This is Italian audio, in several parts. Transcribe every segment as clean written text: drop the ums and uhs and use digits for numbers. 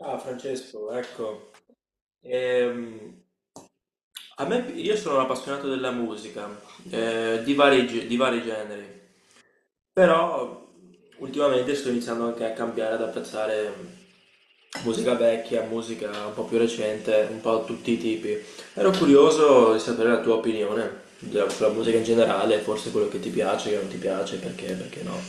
Ah, Francesco, ecco. Ehm, io sono un appassionato della musica, di di vari generi, però ultimamente sto iniziando anche a cambiare, ad apprezzare musica vecchia, musica un po' più recente, un po' tutti i tipi. Ero curioso di sapere la tua opinione sulla musica in generale, forse quello che ti piace, che non ti piace, perché, perché no.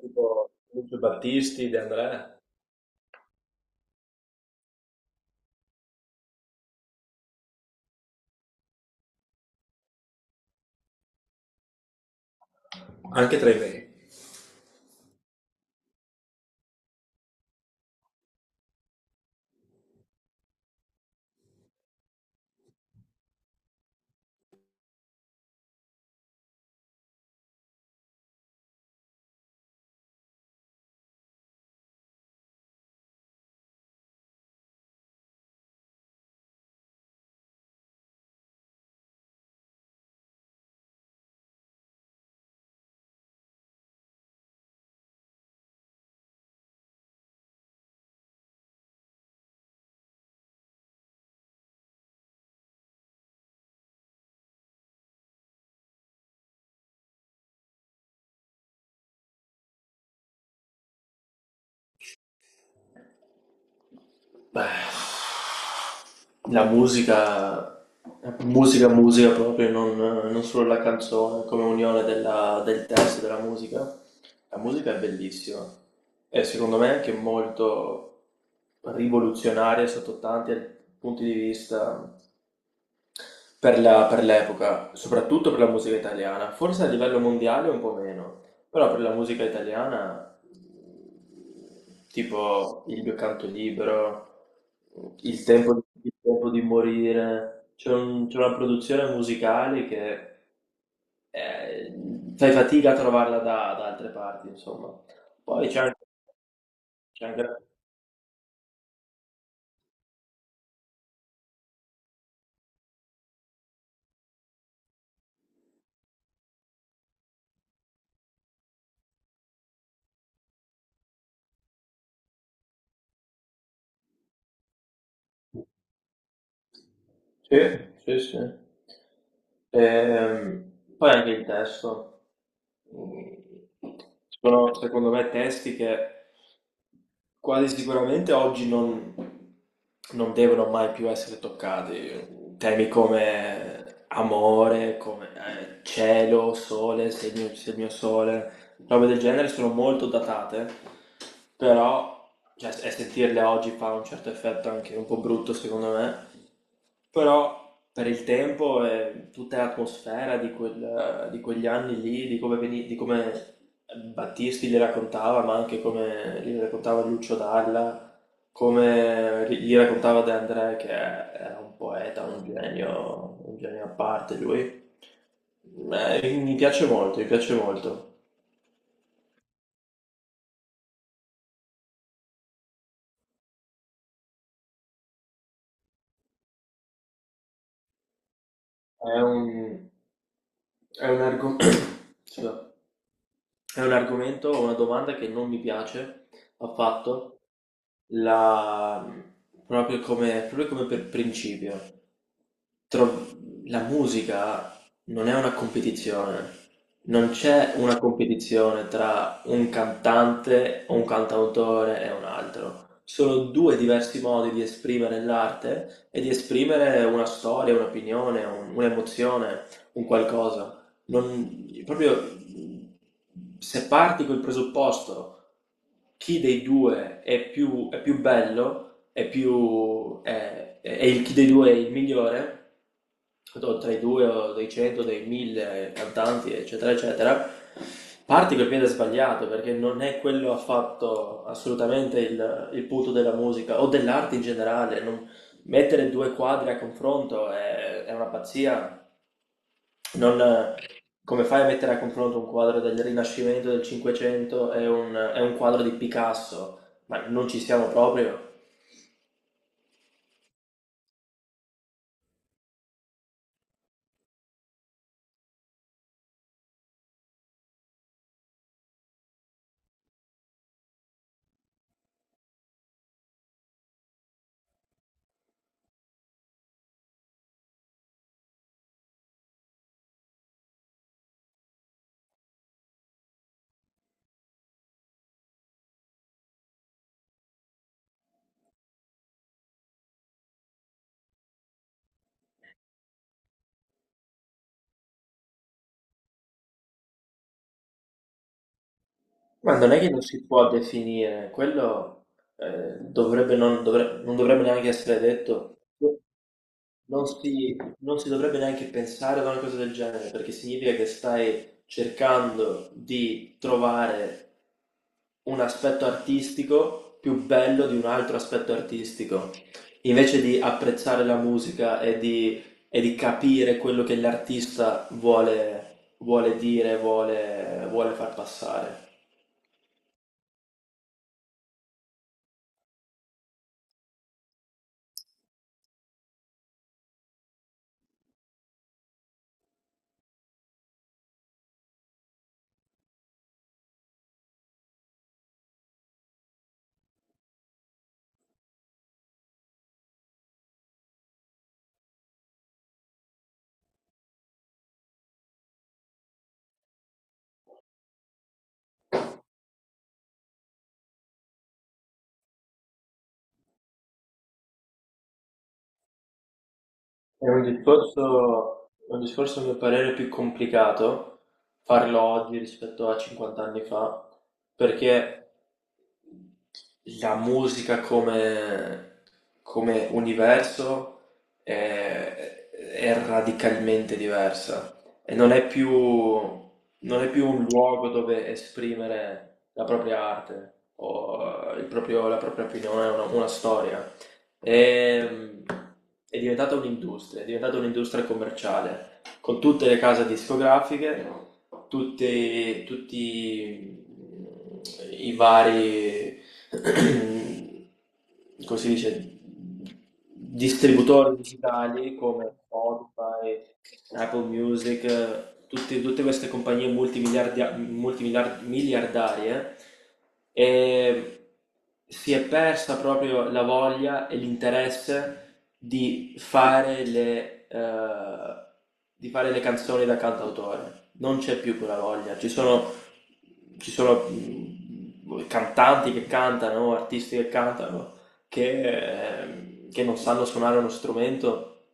Tipo Lucio Battisti, De André, anche tra i miei. Beh, la musica proprio, non solo la canzone, come unione del testo e della musica. La musica è bellissima e secondo me è anche molto rivoluzionaria sotto tanti punti di vista per per l'epoca, soprattutto per la musica italiana, forse a livello mondiale un po' meno, però per la musica italiana, tipo Il mio canto libero, Il tempo, il tempo di morire, c'è c'è una produzione musicale che eh, fai fatica a trovarla da altre parti, insomma. Poi c'è anche sì, sì, sì. Ehm, Poi anche il testo. Mm, Sono, secondo me, testi che quasi sicuramente oggi non, non devono mai più essere toccati. Temi come amore, come cielo, sole, se il mio sole, robe del genere sono molto datate, però cioè, e sentirle oggi fa un certo effetto anche un po' brutto, secondo me. Però per il tempo e tutta l'atmosfera di, di quegli anni lì, di come, di come Battisti li raccontava, ma anche come li raccontava Lucio Dalla, come li raccontava De André, che era un poeta, un genio a parte lui. Mi piace molto, mi piace molto. È un, è un argo- scusa. È un argomento, una domanda che non mi piace affatto. La proprio come per principio tro- la musica non è una competizione. Non c'è una competizione tra un cantante o un cantautore e un altro. Sono due diversi modi di esprimere l'arte e di esprimere una storia, un'opinione, un'emozione, un qualcosa. Non, proprio se parti col presupposto chi dei due è più bello, chi dei due è il migliore, tra i due o dei 100, dei 1000 cantanti, eccetera, eccetera, parti col piede sbagliato perché non è quello affatto assolutamente il punto della musica o dell'arte in generale. Mettere due quadri a confronto è una pazzia. Non- come fai a mettere a confronto un quadro del Rinascimento del Cinquecento e un quadro di Picasso? Ma non ci siamo proprio. Ma non è che non si può definire, quello non dovrebbe neanche essere detto, non si dovrebbe neanche pensare ad una cosa del genere, perché significa che stai cercando di trovare un aspetto artistico più bello di un altro aspetto artistico, invece di apprezzare la musica e di capire quello che l'artista vuole dire, vuole far passare. È un discorso a mio parere più complicato farlo oggi rispetto a 50 anni fa, perché la musica come universo è radicalmente diversa e non è più un luogo dove esprimere la propria arte o la propria opinione, una storia. Ehm, è diventata un'industria commerciale, con tutte le case discografiche, tutti mm, i vari come si dice, distributori digitali come Spotify, Apple Music, tutte queste compagnie miliardarie, e si è persa proprio la voglia e l'interesse di fare di fare le canzoni da cantautore. Non c'è più quella voglia. Ci sono cantanti che cantano, artisti che cantano, che non sanno suonare uno strumento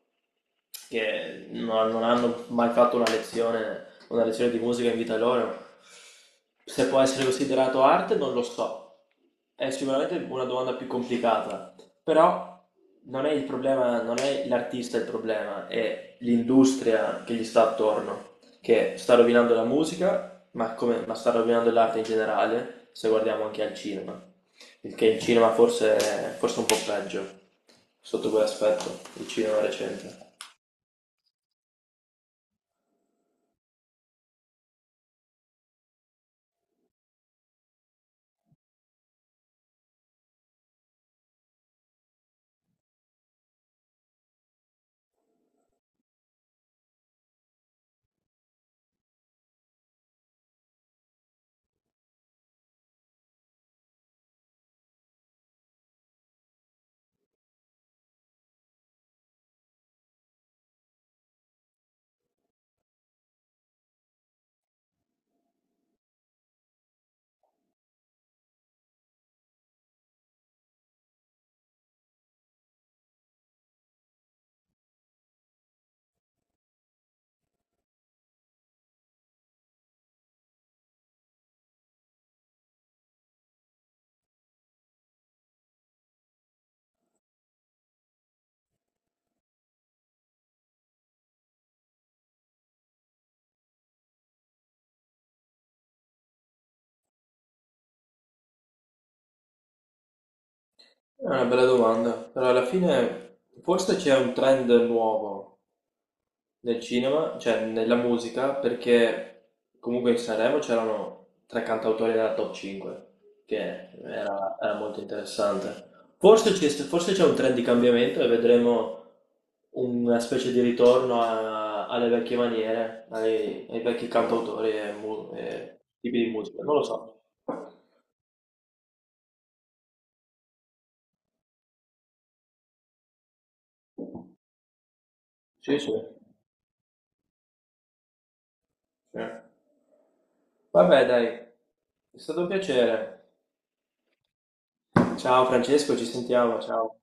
che non hanno mai fatto una lezione di musica in vita loro. Se può essere considerato arte, non lo so. È sicuramente una domanda più complicata, però non è il problema, non è l'artista il problema, è l'industria che gli sta attorno, che sta rovinando la musica, ma, ma sta rovinando l'arte in generale, se guardiamo anche al cinema. Il cinema forse è un po' peggio sotto quell'aspetto, il cinema recente. È una bella domanda, però alla fine forse c'è un trend nuovo nel cinema, cioè nella musica, perché comunque in Sanremo c'erano tre cantautori nella top 5, era molto interessante. Forse c'è un trend di cambiamento e vedremo una specie di ritorno alle vecchie maniere, ai vecchi cantautori e, e tipi di musica, non lo so. Sì, sì. Sì. Vabbè, dai, è stato un piacere. Ciao Francesco, ci sentiamo, ciao.